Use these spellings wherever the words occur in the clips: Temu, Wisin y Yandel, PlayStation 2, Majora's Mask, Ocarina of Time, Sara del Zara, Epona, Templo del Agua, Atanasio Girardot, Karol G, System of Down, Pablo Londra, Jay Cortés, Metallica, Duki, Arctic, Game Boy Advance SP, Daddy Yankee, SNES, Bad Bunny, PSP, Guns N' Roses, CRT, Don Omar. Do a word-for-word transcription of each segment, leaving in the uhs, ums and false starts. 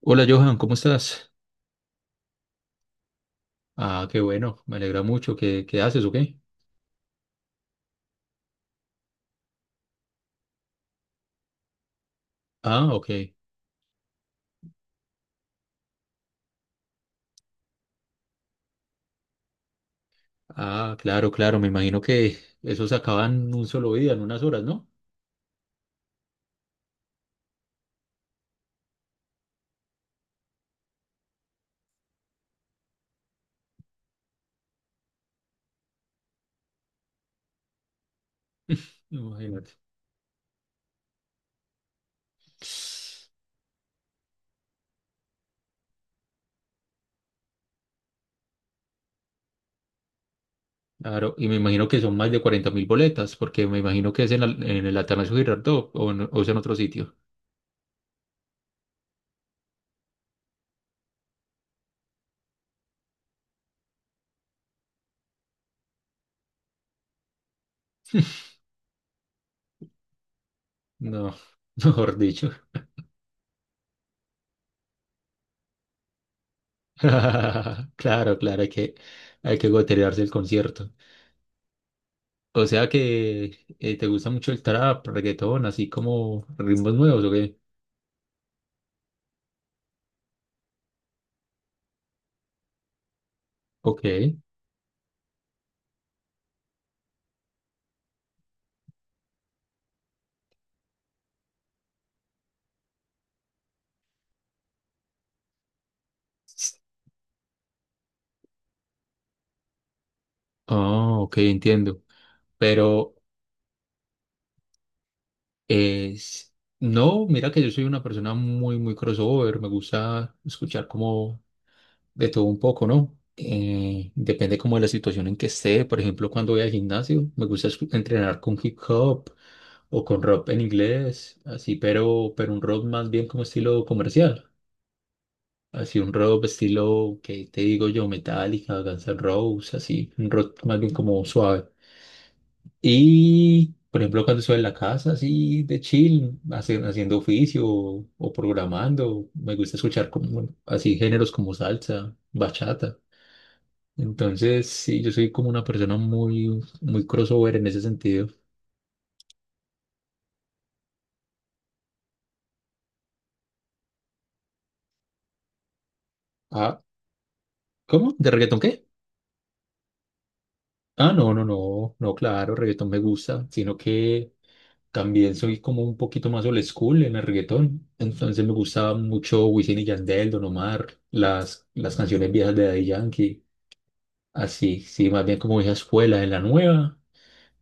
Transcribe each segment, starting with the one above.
Hola Johan, ¿cómo estás? Ah, qué bueno, me alegra mucho. ¿Qué, qué haces o qué? Ah, ok. Ah, claro, claro, me imagino que eso se acaba en un solo día, en unas horas, ¿no? Imagínate. Claro, y me imagino que son más de cuarenta mil boletas, porque me imagino que es en, el- en el Atanasio Girardot o en, o es en otro sitio. No, mejor dicho. Claro, claro, hay que, hay que goterearse el concierto. O sea que eh, te gusta mucho el trap, reggaetón, así como ritmos nuevos, ¿o qué? Ok. Oh, ok, entiendo. Pero es... No, mira que yo soy una persona muy, muy crossover. Me gusta escuchar como de todo un poco, ¿no? Eh, depende como de la situación en que esté. Por ejemplo, cuando voy al gimnasio, me gusta escu- entrenar con hip hop o con rock en inglés, así, pero, pero un rock más bien como estilo comercial. Así un rock estilo, ¿que te digo yo? Metallica, Guns N' Roses, así, un rock más bien como suave. Y, por ejemplo, cuando estoy en la casa, así de chill, hace- haciendo oficio o, o programando, me gusta escuchar como, bueno, así géneros como salsa, bachata. Entonces, sí, yo soy como una persona muy, muy crossover en ese sentido. Ah, ¿cómo? ¿De reggaetón qué? Ah, no, no, no, no, claro, reggaetón me gusta, sino que también soy como un poquito más old school en el reggaetón. Entonces me gustaba mucho Wisin y Yandel, Don Omar, las, las canciones viejas de Daddy Yankee. Así, sí, más bien como esa escuela, de la nueva,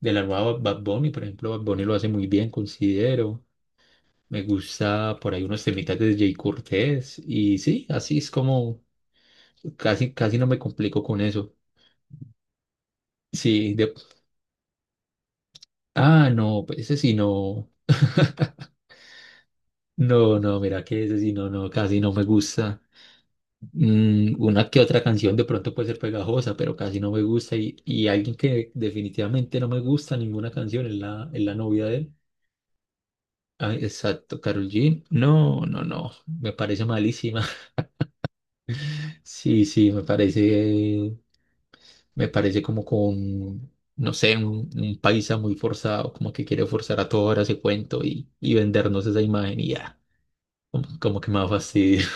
de la nueva Bad Bunny, por ejemplo, Bad Bunny lo hace muy bien, considero. Me gusta por ahí unos temitas de Jay Cortés y sí, así es como casi, casi no me complico con eso. Sí, de... Ah, no, pues ese sí no. No, no, mira que ese sí no, no, casi no me gusta. Mm, una que otra canción de pronto puede ser pegajosa, pero casi no me gusta. Y, y alguien que definitivamente no me gusta ninguna canción es la, es la novia de él. Ay, exacto, Karol G. No, no, no, me parece malísima. Sí, sí, me parece, me parece como con, no sé, un, un paisa muy forzado, como que quiere forzar a toda hora ese cuento y, y vendernos esa imagen y ya, como, como que me da fastidio.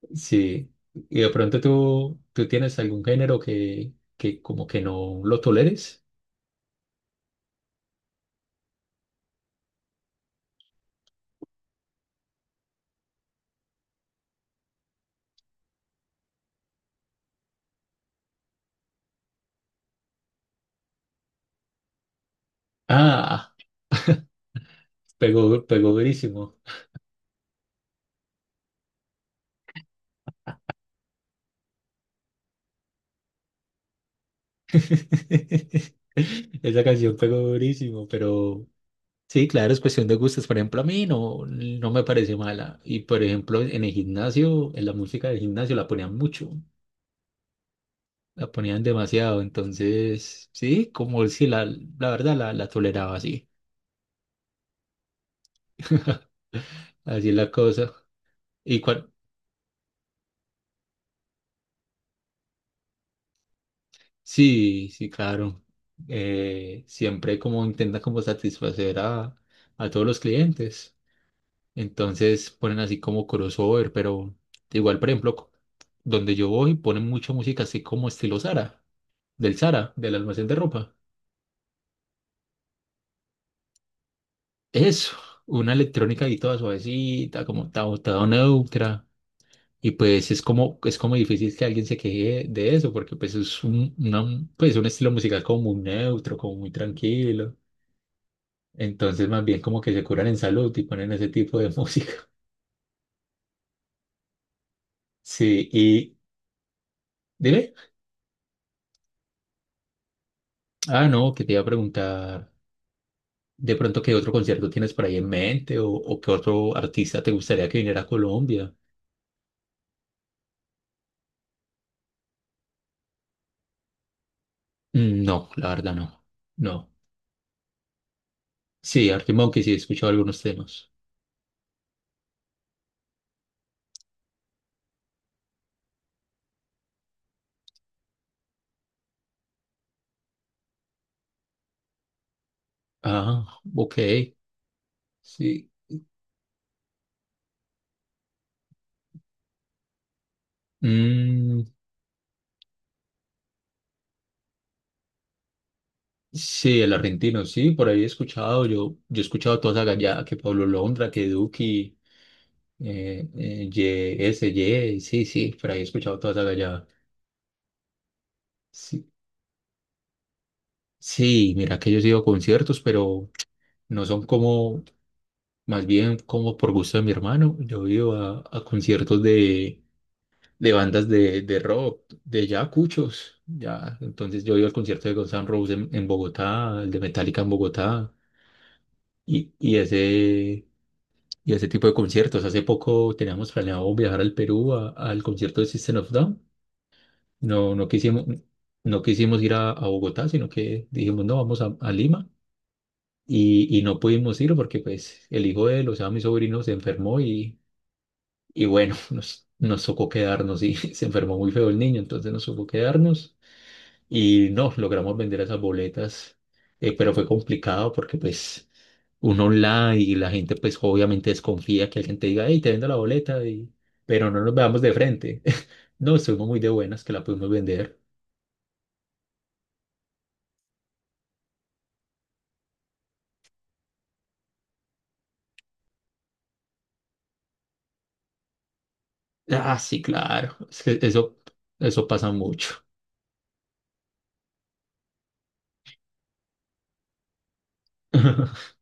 Sí, y de pronto tú, tú tienes algún género que, que como que no lo toleres. Ah, pegó, pegó durísimo. Esa canción pegó durísimo, pero... Sí, claro, es cuestión de gustos. Por ejemplo, a mí no, no me parece mala. Y por ejemplo, en el gimnasio, en la música del gimnasio la ponían mucho, la ponían demasiado. Entonces, sí, como si la, la verdad la, la toleraba así. Así es la cosa. Y cual, sí, sí, claro. Eh, siempre como intenta como satisfacer a, a todos los clientes. Entonces ponen así como crossover, pero igual, por ejemplo, donde yo voy ponen mucha música así como estilo Sara del Zara, del almacén de ropa. Eso, una electrónica ahí toda suavecita, como ta- toda neutra. Y pues es como, es como difícil que alguien se queje de eso, porque pues es un, una- pues un estilo musical como muy neutro, como muy tranquilo. Entonces más bien como que se curan en salud y ponen ese tipo de música. Sí, y dime, ah, no, que te iba a preguntar de pronto qué otro concierto tienes por ahí en mente o, o qué otro artista te gustaría que viniera a Colombia. Mm, no, la verdad no. No. Sí, Arctic sí, he escuchado algunos temas. Ah, ok, sí. Mm, sí, el argentino, sí, por ahí he escuchado, yo, yo he escuchado toda esa gallada, que Pablo Londra, que Duki, eh, eh, Y S, Ye, sí, sí, por ahí he escuchado toda esa gallada. Sí, sí, mira que yo he ido a conciertos, pero no son como, más bien como por gusto de mi hermano, yo he ido a, a conciertos de de bandas de, de rock, de ya cuchos, ya. Entonces yo he ido al concierto de Guns N' Roses en, en Bogotá, el de Metallica en Bogotá, y, y ese, y ese tipo de conciertos. Hace poco teníamos planeado viajar al Perú a- al concierto de System of Down. No, no quisimos, no quisimos ir a, a Bogotá, sino que dijimos, no, vamos a, a Lima. Y, y no pudimos ir porque pues el hijo de él, o sea, mi sobrino se enfermó y, y bueno, nos, nos tocó quedarnos y se enfermó muy feo el niño, entonces nos tocó quedarnos. Y nos logramos vender esas boletas, eh, pero fue complicado porque pues uno online y la gente pues obviamente desconfía que alguien te diga, hey, te vendo la boleta, y... pero no nos veamos de frente. No, estuvimos muy de buenas que la pudimos vender. Ah, sí, claro, es que eso, eso pasa mucho.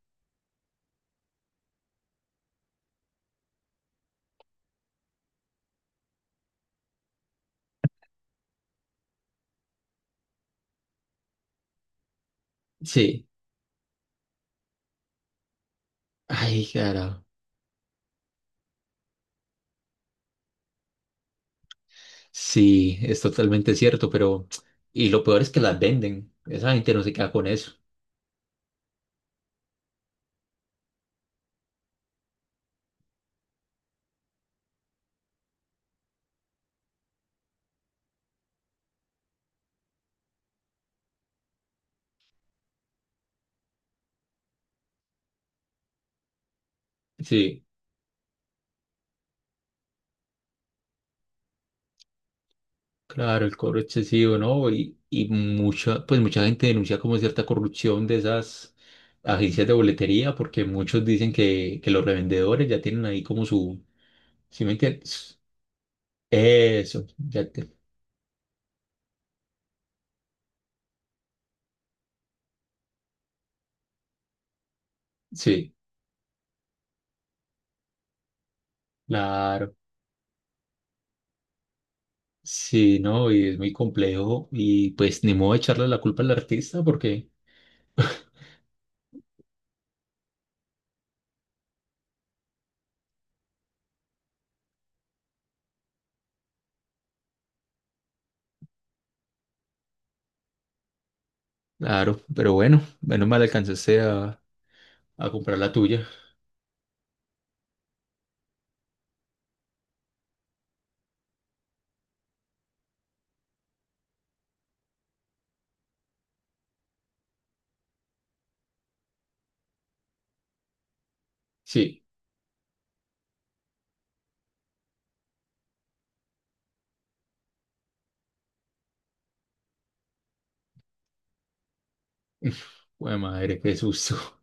Sí, ay, cara, sí, es totalmente cierto, pero y lo peor es que las venden, esa gente no se queda con eso. Sí. Claro, el cobro excesivo, ¿no? Y, y mucha, pues mucha gente denuncia como cierta corrupción de esas agencias de boletería, porque muchos dicen que, que los revendedores ya tienen ahí como su, ¿sí me entiendes? Eso, ya te, sí, claro, sí, ¿no? Y es muy complejo y pues ni modo de echarle la culpa al artista porque, claro, pero bueno, menos mal alcanzaste a, a comprar la tuya. Sí, bueno, madre, qué susto.